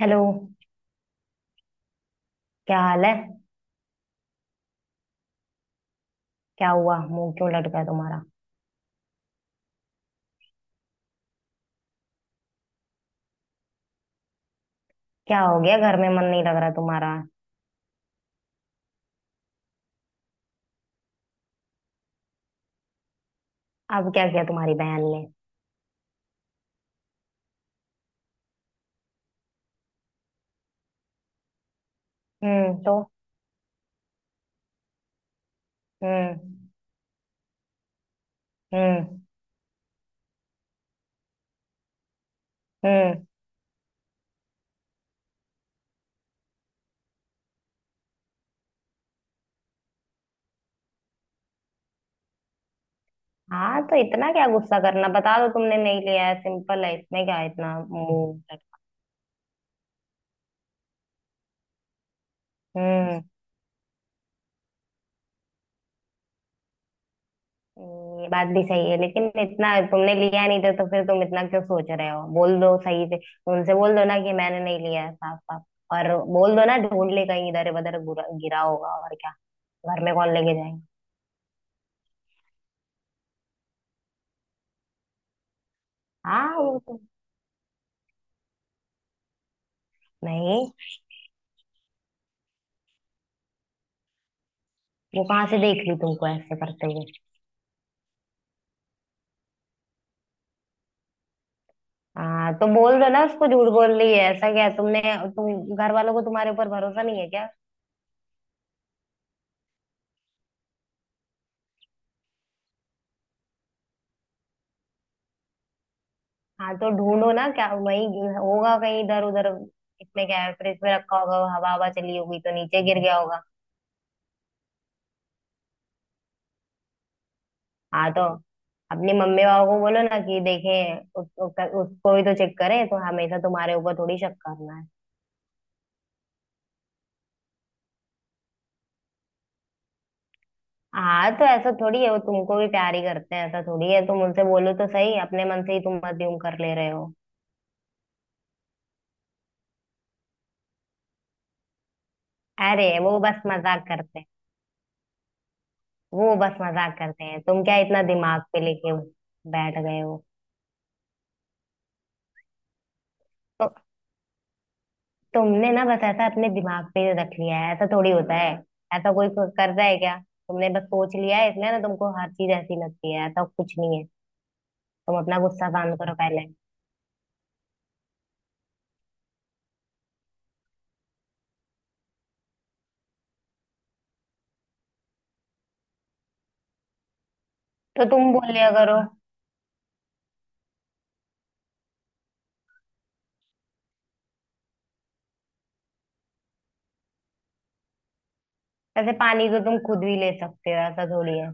Hello. क्या हाल है? क्या हुआ, मुंह क्यों लटका है तुम्हारा? क्या हो गया, घर में मन नहीं लग रहा तुम्हारा? अब क्या किया तुम्हारी बहन ने? हम्म। तो। हम्म। हम्म। हम्म। हाँ, तो इतना क्या गुस्सा करना, बता दो तुमने नहीं लिया है। सिंपल है, इसमें क्या है इतना मुंह लटका। हम्म। ये बात भी सही है, लेकिन इतना तुमने लिया नहीं था तो फिर तुम इतना क्यों सोच रहे हो? बोल दो सही से। उनसे बोल दो ना कि मैंने नहीं लिया है, साफ साफ। और बोल दो ना, ढूंढ ले कहीं, इधर उधर गिरा गिरा होगा, और क्या? घर में कौन लेके जाएगा? हाँ, वो तो। नहीं, वो कहाँ से देख ली तुमको ऐसे करते हुए? हाँ, तो बोल दो ना उसको झूठ बोल रही है, ऐसा क्या है? तुमने। तुम घर वालों को, तुम्हारे ऊपर भरोसा नहीं है क्या? हाँ, तो ढूंढो ना, क्या वही होगा कहीं इधर उधर। इसमें क्या है, फ्रिज में रखा होगा, हवा हवा चली होगी तो नीचे गिर गया होगा। हाँ, तो अपनी मम्मी पापा को बोलो ना कि देखें, उसको भी तो चेक करें। तो हमेशा तुम्हारे ऊपर थोड़ी शक करना है। हाँ, तो ऐसा थोड़ी है, वो तुमको भी प्यार ही करते हैं, ऐसा थोड़ी है। तुम उनसे बोलो तो सही, अपने मन से ही तुम अज्यूम कर ले रहे हो। अरे, वो बस मजाक करते हैं। वो बस मजाक करते हैं, तुम क्या इतना दिमाग पे लेके बैठ गए हो? तो तुमने ना बस ऐसा अपने दिमाग पे रख लिया है, ऐसा थोड़ी होता है। ऐसा कोई करता है क्या? तुमने बस सोच लिया है, इसलिए ना तुमको हर चीज ऐसी लगती है, ऐसा कुछ नहीं है। तुम अपना गुस्सा शांत करो पहले। तो तुम बोल लिया करो। ऐसे पानी तो तुम खुद भी ले सकते हो, ऐसा थोड़ी है।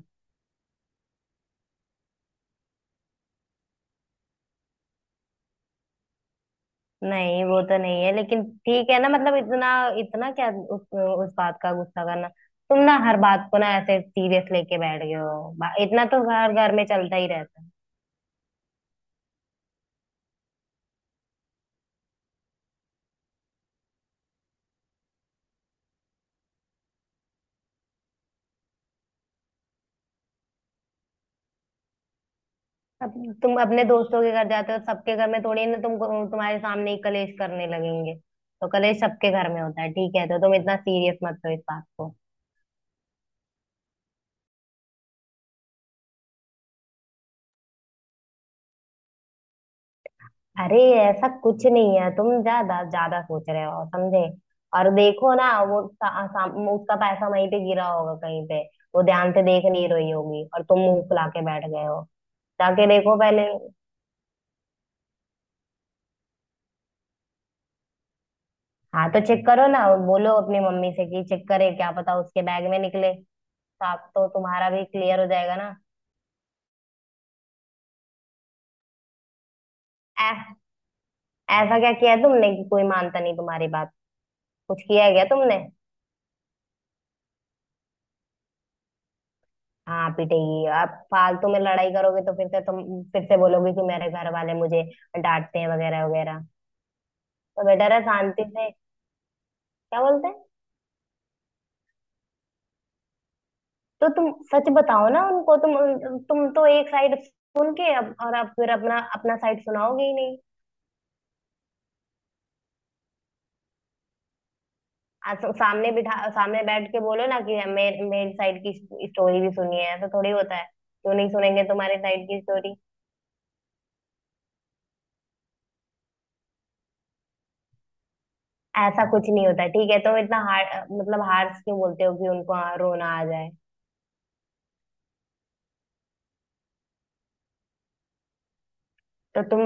नहीं, वो तो नहीं है, लेकिन ठीक है ना, मतलब इतना। इतना क्या उस बात का गुस्सा करना। तुम ना हर बात को ना ऐसे सीरियस लेके बैठ गए हो। इतना तो हर घर में चलता ही रहता है। अब तुम अपने दोस्तों के घर जाते हो, सबके घर में थोड़ी ना तुम, तुम्हारे सामने ही कलेश करने लगेंगे? तो कलेश सबके घर में होता है, ठीक है? तो तुम इतना सीरियस मत लो इस बात को। अरे, ऐसा कुछ नहीं है, तुम ज्यादा ज्यादा सोच रहे हो, समझे? और देखो ना, वो सा, सा, उसका पैसा वहीं पे गिरा होगा कहीं पे। वो ध्यान से देख नहीं रही होगी और तुम मुंह फुला के बैठ गए हो। जाके देखो पहले। हाँ, तो चेक करो ना। बोलो अपनी मम्मी से कि चेक करे, क्या पता उसके बैग में निकले। तो आप तो तुम्हारा भी क्लियर हो जाएगा ना। ऐ- ऐसा क्या किया है तुमने कि कोई मानता नहीं तुम्हारी बात? कुछ किया है क्या तुमने? हाँ, पिटेगी। आप फालतू में लड़ाई करोगे तो फिर से तुम फिर से बोलोगे कि मेरे घर वाले मुझे डांटते हैं, वगैरह वगैरह। तो बेटर है शांति से। क्या बोलते हैं? तो तुम सच बताओ ना उनको। तुम तुम तो एक साइड सुन के, अब और अब फिर अपना अपना साइड सुनाओगे ही नहीं? तो सामने बिठा, सामने बैठ के बोलो ना कि मेरे मेरे साइड की स्टोरी भी सुनिए। ऐसा थोड़ी होता है, क्यों नहीं सुनेंगे तुम्हारे साइड की स्टोरी? ऐसा कुछ नहीं होता, ठीक है। तुम इतना हार मतलब हार्श क्यों बोलते हो कि उनको रोना आ जाए? तो तुम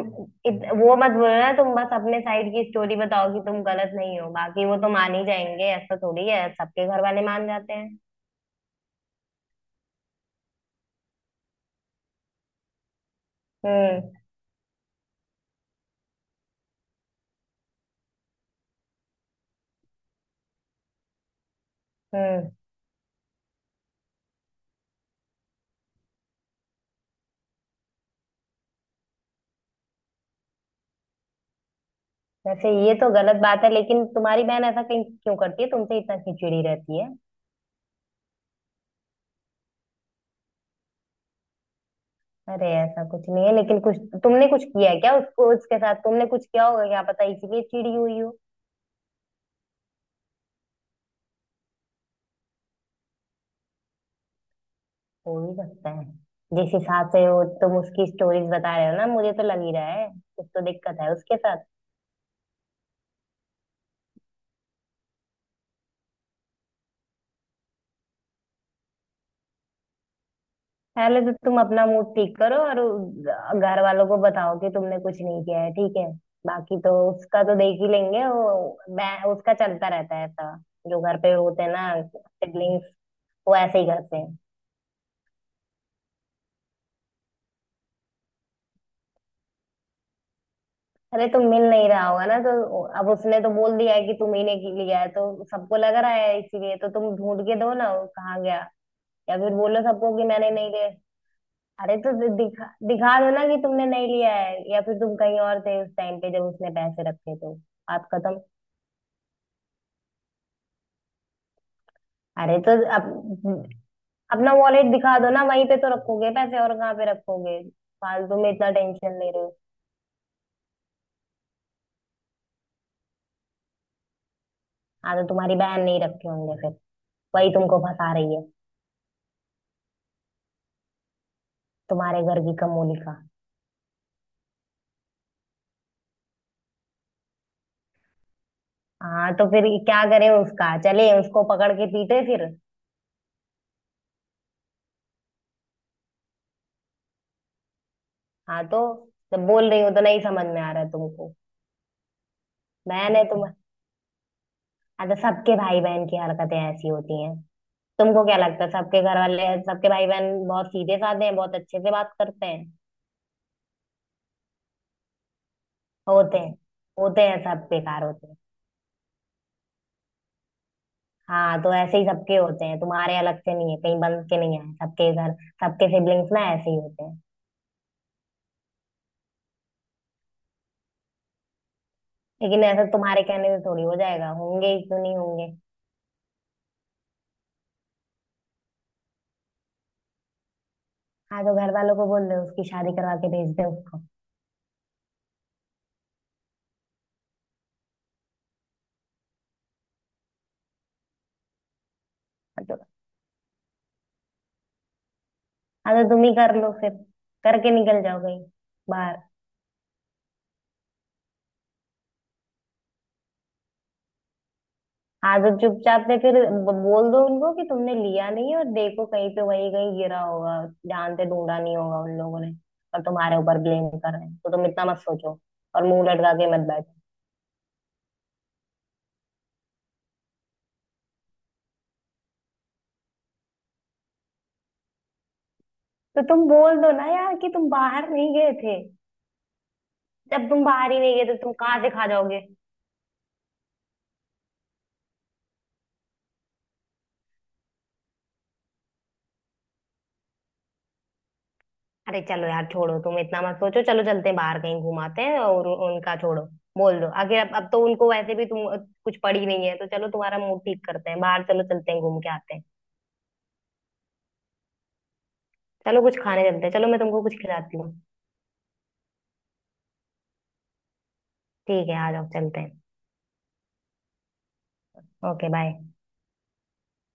वो मत बोलना, तुम बस अपने साइड की स्टोरी बताओ कि तुम गलत नहीं हो। बाकी वो तो मान ही जाएंगे, ऐसा थोड़ी है सबके घर वाले मान जाते हैं। हम्म। हम्म। वैसे ये तो गलत बात है, लेकिन तुम्हारी बहन ऐसा कहीं क्यों करती है तुमसे, इतना खिचड़ी रहती है? अरे, ऐसा कुछ नहीं है, लेकिन कुछ तुमने कुछ किया है क्या उसको? उसके साथ तुमने कुछ किया होगा क्या पता, इसीलिए चिड़ी हुई हो। हो ही सकता है, जिस हिसाब से हो तुम उसकी स्टोरीज बता रहे हो ना, मुझे तो लग ही रहा है कुछ तो दिक्कत है उसके साथ। पहले तो तुम अपना मूड ठीक करो और घर वालों को बताओ कि तुमने कुछ नहीं किया है, ठीक है। बाकी तो उसका तो देख ही लेंगे, वो उसका चलता रहता है ऐसा। जो घर पे होते हैं ना सिबलिंग्स, वो ऐसे ही करते हैं। अरे, तुम मिल नहीं रहा होगा ना, तो अब उसने तो बोल दिया है कि तुम ही ने लिया है, तो सबको लग रहा है। इसीलिए तो तुम ढूंढ के दो ना वो कहाँ गया। या फिर बोलो सबको कि मैंने नहीं लिया। अरे, तो दिखा दिखा दो ना कि तुमने नहीं लिया है, या फिर तुम कहीं और थे उस टाइम पे जब उसने पैसे रखे तो। आप खत्म। अरे, तो अपना वॉलेट दिखा दो ना, वहीं पे तो रखोगे पैसे और कहाँ पे रखोगे? फालतू में इतना टेंशन ले रहे हो। हाँ, तो तुम्हारी बहन नहीं रखे होंगे फिर, वही तुमको फंसा रही है। तुम्हारे घर की कमोली का। हाँ, तो फिर क्या करें उसका, चले उसको पकड़ के पीटे फिर? हाँ, तो जब बोल रही हूँ तो नहीं समझ में आ रहा है तुमको? बहन है तो। हाँ, तो सबके भाई बहन की हरकतें ऐसी होती हैं। तुमको क्या लगता है सबके घर वाले, सबके भाई बहन बहुत सीधे साधे हैं, बहुत अच्छे से बात करते हैं? होते हैं। होते हैं, सब बेकार होते हैं। हाँ, तो ऐसे ही सबके होते हैं, तुम्हारे अलग से नहीं है, कहीं बन के नहीं आए सबके घर। सबके सिबलिंग्स ना ऐसे ही होते हैं। लेकिन ऐसा तुम्हारे कहने से थोड़ी हो जाएगा, होंगे ही, क्यों नहीं होंगे? हाँ, तो घर वालों को बोल दो उसकी शादी करवा के भेज दे उसको। हाँ तो। हाँ, तो तुम ही कर लो फिर, करके निकल जाओ कहीं बाहर। हाँ, तो चुपचाप से फिर बोल दो उनको कि तुमने लिया नहीं, और देखो कहीं पे वही कहीं गिरा होगा, ध्यान से ढूंढा नहीं होगा उन लोगों ने। और तुम्हारे ऊपर ब्लेम कर रहे हैं, तो तुम इतना मत सोचो और मुंह लटका के मत बैठो। तो तुम बोल दो ना यार कि तुम बाहर नहीं गए थे, जब तुम बाहर ही नहीं गए तो तुम कहाँ से खा जाओगे? अरे, चलो यार, छोड़ो, तुम इतना मत सोचो, चलो चलते हैं बाहर कहीं, घुमाते हैं और उनका छोड़ो। बोल दो आखिर, अब तो उनको वैसे भी तुम कुछ पड़ी नहीं है, तो चलो तुम्हारा मूड ठीक करते हैं, बाहर चलो चलते हैं घूम के आते हैं। चलो कुछ खाने चलते हैं, चलो मैं तुमको कुछ खिलाती हूँ। ठीक है, आ जाओ, चलते हैं। Okay, bye.